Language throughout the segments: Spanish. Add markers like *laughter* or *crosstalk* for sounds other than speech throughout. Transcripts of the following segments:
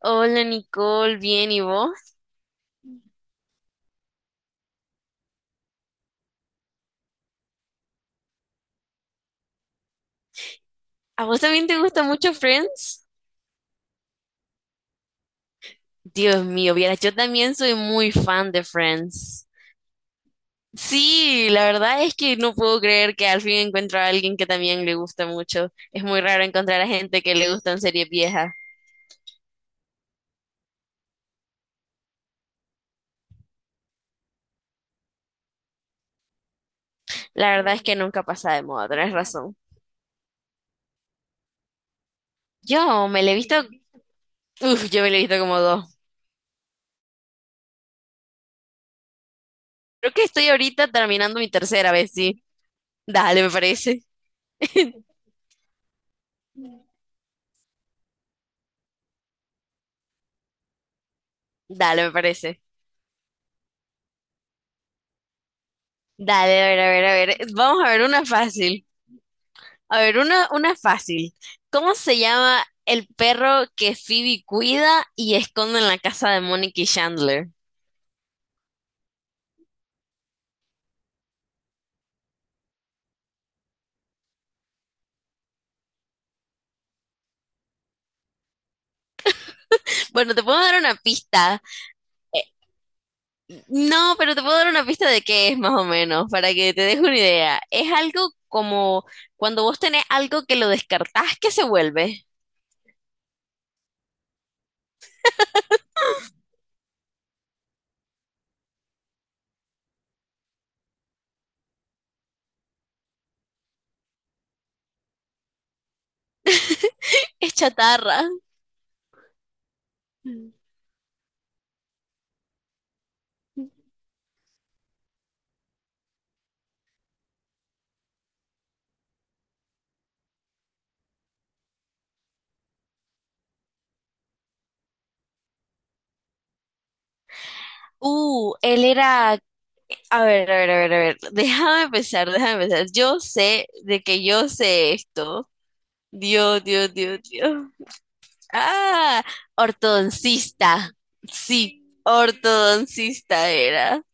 Hola Nicole, bien, ¿y vos? ¿A vos también te gusta mucho Friends? Dios mío, vieras, yo también soy muy fan de Friends. Sí, la verdad es que no puedo creer que al fin encuentro a alguien que también le gusta mucho. Es muy raro encontrar a gente que le gustan series viejas. La verdad es que nunca pasa de moda, tenés razón. Yo me la he visto, yo me la he visto como dos. Creo que estoy ahorita terminando mi tercera vez, sí. Dale, me parece. Dale, me parece. Dale, a ver, a ver, a ver. Vamos a ver una fácil. A ver, una fácil. ¿Cómo se llama el perro que Phoebe cuida y esconde en la casa de Mónica y Chandler? Bueno, te puedo dar una pista. Eh, no, pero te puedo dar una pista de qué es más o menos, para que te deje una idea. Es algo como cuando vos tenés algo que lo descartás, ¿que se vuelve? Es chatarra. Él era... A ver, a ver, a ver, a ver. Déjame pensar, déjame pensar. Yo sé de que yo sé esto. Dios, Dios, Dios, Dios. Ah, ortodoncista. Sí, ortodoncista era.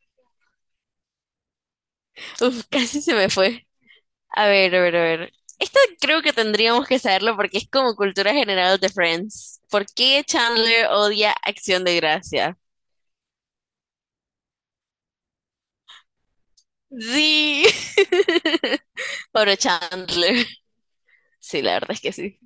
Uf, casi se me fue. A ver, a ver, a ver. Esto creo que tendríamos que saberlo porque es como cultura general de Friends. ¿Por qué Chandler odia Acción de Gracia? Sí. *laughs* Pobre Chandler. Sí, la verdad es que sí.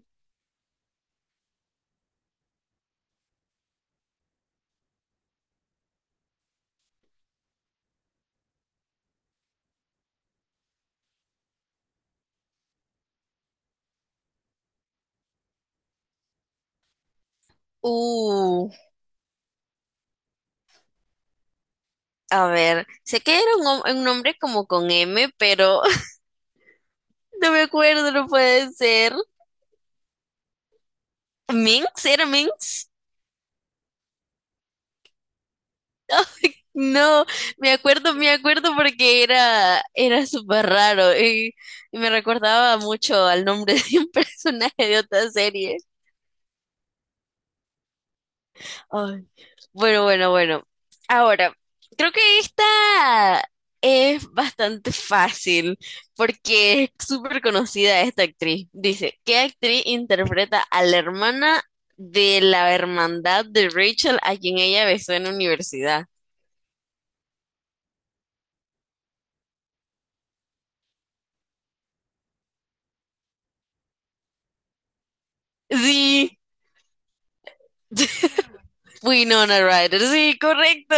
Uh, a ver. Sé que era un nombre como con M, pero *laughs* no me acuerdo, no puede ser. ¿Minx? ¿Era Minx? No, me acuerdo porque era, era súper raro y me recordaba mucho al nombre de un *laughs* personaje de otra serie. Ay, bueno, bueno, bueno. Ahora, creo que esta es bastante fácil porque es súper conocida esta actriz. Dice, ¿qué actriz interpreta a la hermana de la hermandad de Rachel a quien ella besó en la universidad? Sí. *laughs* Winona Ryder, sí, correcto.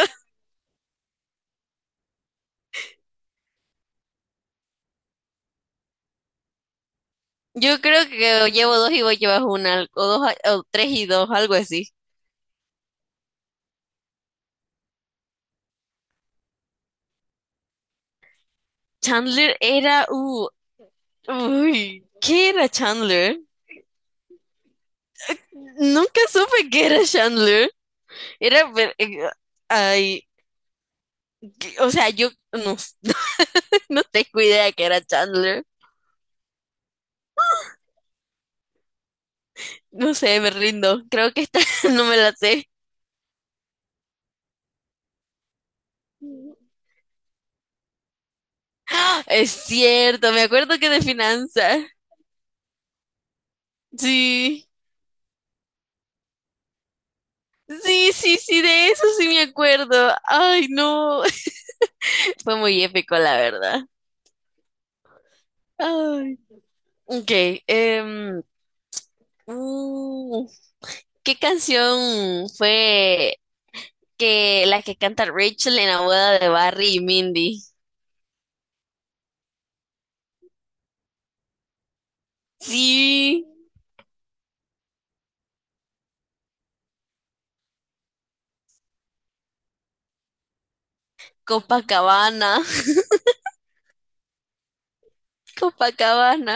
Yo creo que llevo dos y vos llevas una, o dos, o tres y dos, algo así. Chandler era, ¿qué era Chandler? Nunca supe qué era Chandler. Era, pero, ay, o sea, yo no, *laughs* no tengo idea qué era Chandler. No sé, me rindo. Creo que esta *laughs* no me la sé. ¡Ah! Es cierto, me acuerdo que de finanzas. Sí. Sí, sí, sí, de eso sí me acuerdo. Ay, no. *laughs* Fue muy épico, la verdad. Ay. Ok. em, uh, ¿qué canción fue que la que canta Rachel en la boda de Barry y Mindy? Sí, Copacabana. *laughs* Copacabana.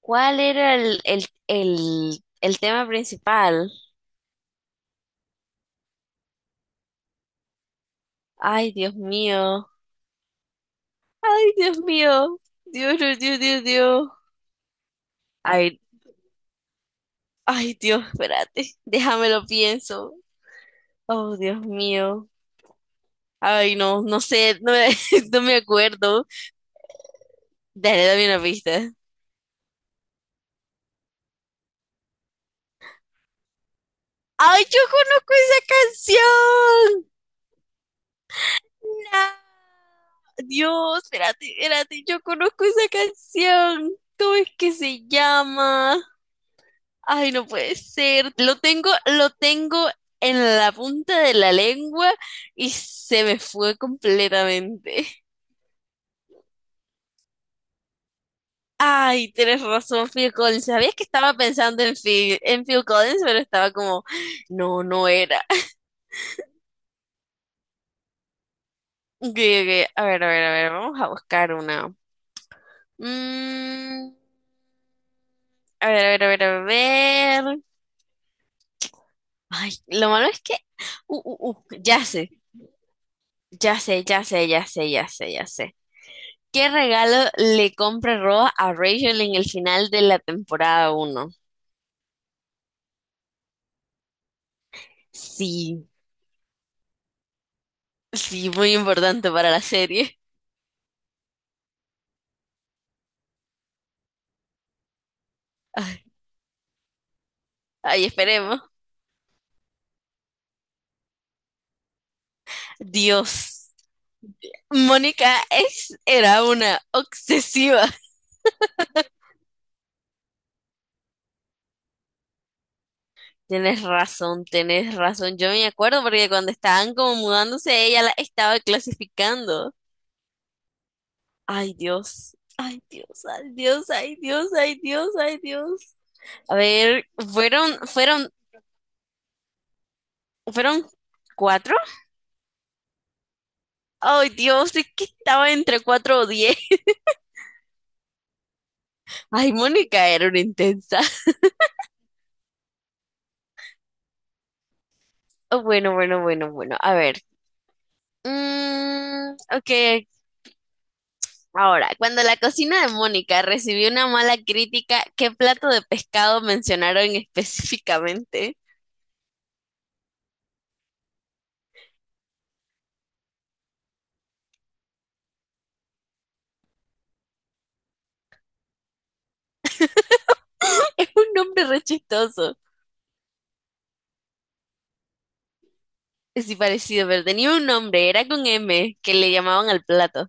¿Cuál era el tema principal? Ay, Dios mío. Ay, Dios mío. Dios, Dios, Dios, Dios, Dios. Ay, Dios, espérate, déjame lo pienso. Oh, Dios mío. Ay, no, no sé, no me, *laughs* no me acuerdo. Dale, dame una pista. Ay, yo conozco esa canción. No. Dios, espérate, espérate, yo conozco esa canción. ¿Cómo es que se llama? Ay, no puede ser. Lo tengo en la punta de la lengua y se me fue completamente. Ay, tienes razón, Phil Collins. Sabías que estaba pensando en Phil Collins, pero estaba como, no, no era. *laughs* Ok, ok, a ver, a ver, a ver, vamos a buscar una. Mm, a ver, a ver, a ver, a ver. Ay, lo malo es que, ya sé, ya sé, ya sé, ya sé, ya sé, ya sé. ¿Qué regalo le compra Ross a Rachel en el final de la temporada uno? Sí, sí, muy importante para la serie. *laughs* Ay, ay, esperemos. Dios, Mónica es, era una obsesiva. Tienes razón, tienes razón. Yo me acuerdo porque cuando estaban como mudándose, ella la estaba clasificando. Ay, Dios, ay, Dios, ay, Dios, ay, Dios, ay, Dios, ay, Dios. A ver, fueron, fueron, fueron cuatro. Ay, Dios, es que estaba entre cuatro o 10. Ay, Mónica era una intensa. *laughs* Oh, bueno, bueno, bueno, bueno. A ver. Ok, ok. Ahora, cuando la cocina de Mónica recibió una mala crítica, ¿qué plato de pescado mencionaron específicamente? *laughs* Es un nombre re chistoso. Sí, parecido, pero tenía un nombre, era con M, que le llamaban al plato.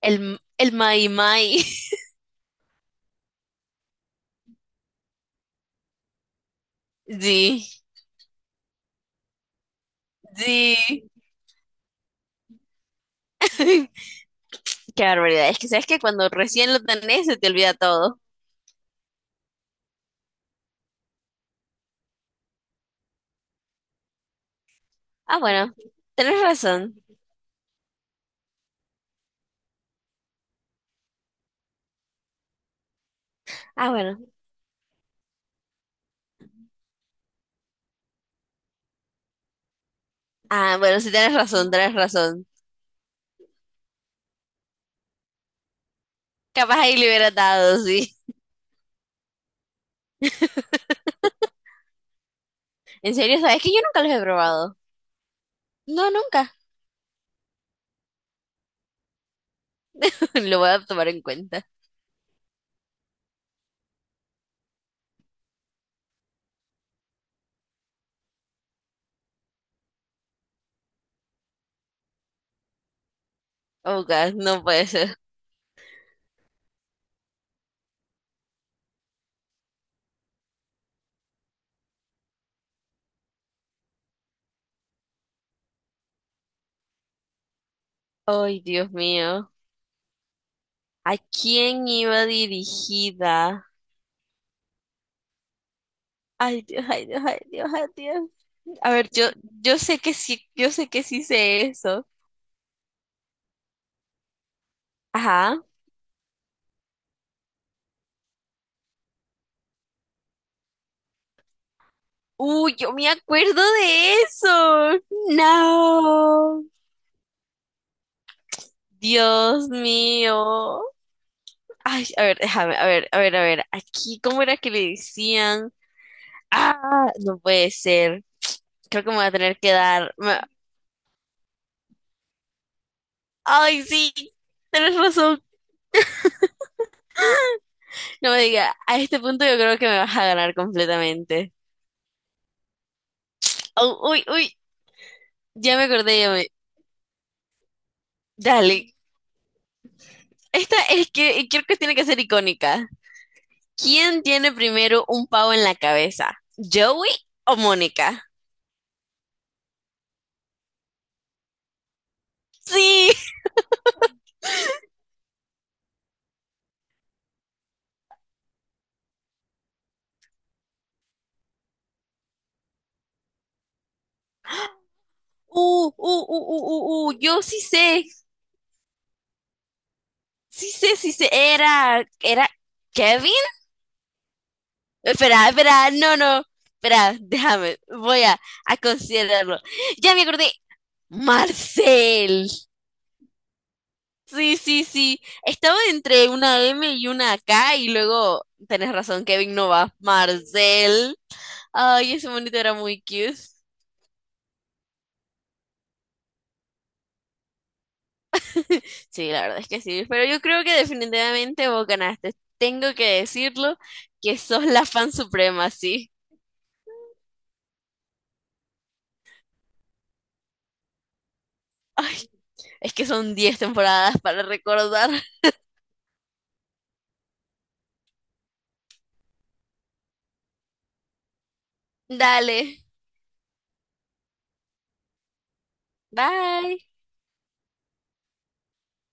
El, Mai Mai. *laughs* Sí, sí. *laughs* Qué barbaridad. Es que sabes que cuando recién lo tenés se te olvida todo. Ah, bueno, tenés razón. Ah, bueno. Ah, bueno, sí tenés razón, tenés razón. Capaz ahí le hubiera dado, sí. En serio, sabes que yo nunca los he probado. No, nunca. *laughs* Lo voy a tomar en cuenta. Oh, God, no puede ser. Ay, Dios mío. ¿A quién iba dirigida? Ay, Dios, ay, Dios, ay, Dios, ay, Dios. A ver, yo sé que sí, yo sé que sí sé eso. Ajá. Uy, yo me acuerdo de eso. No. Dios mío. Ay, a ver, déjame, a ver, a ver, a ver. Aquí, ¿cómo era que le decían? Ah, no puede ser. Creo que me voy a tener que dar. Ay, sí, tienes razón. No me diga, a este punto yo creo que me vas a ganar completamente. Au, uy, uy, ya me acordé, ya me... Dale, esta es que creo que tiene que ser icónica. ¿Quién tiene primero un pavo en la cabeza? ¿Joey o Mónica? Sí, yo sí sé, sí sé, sí sé, era Kevin. Espera, espera, no, no, espera, déjame, voy a considerarlo. Ya me acordé, Marcel. Sí, sí, sí. Estaba entre una M y una K y luego tenés razón, Kevin no va. Marcel. Ay, ese monito era muy cute. Sí, la verdad es que sí. Pero yo creo que definitivamente vos ganaste. Tengo que decirlo que sos la fan suprema, sí. Ay, es que son 10 temporadas para recordar. *laughs* Dale. Bye.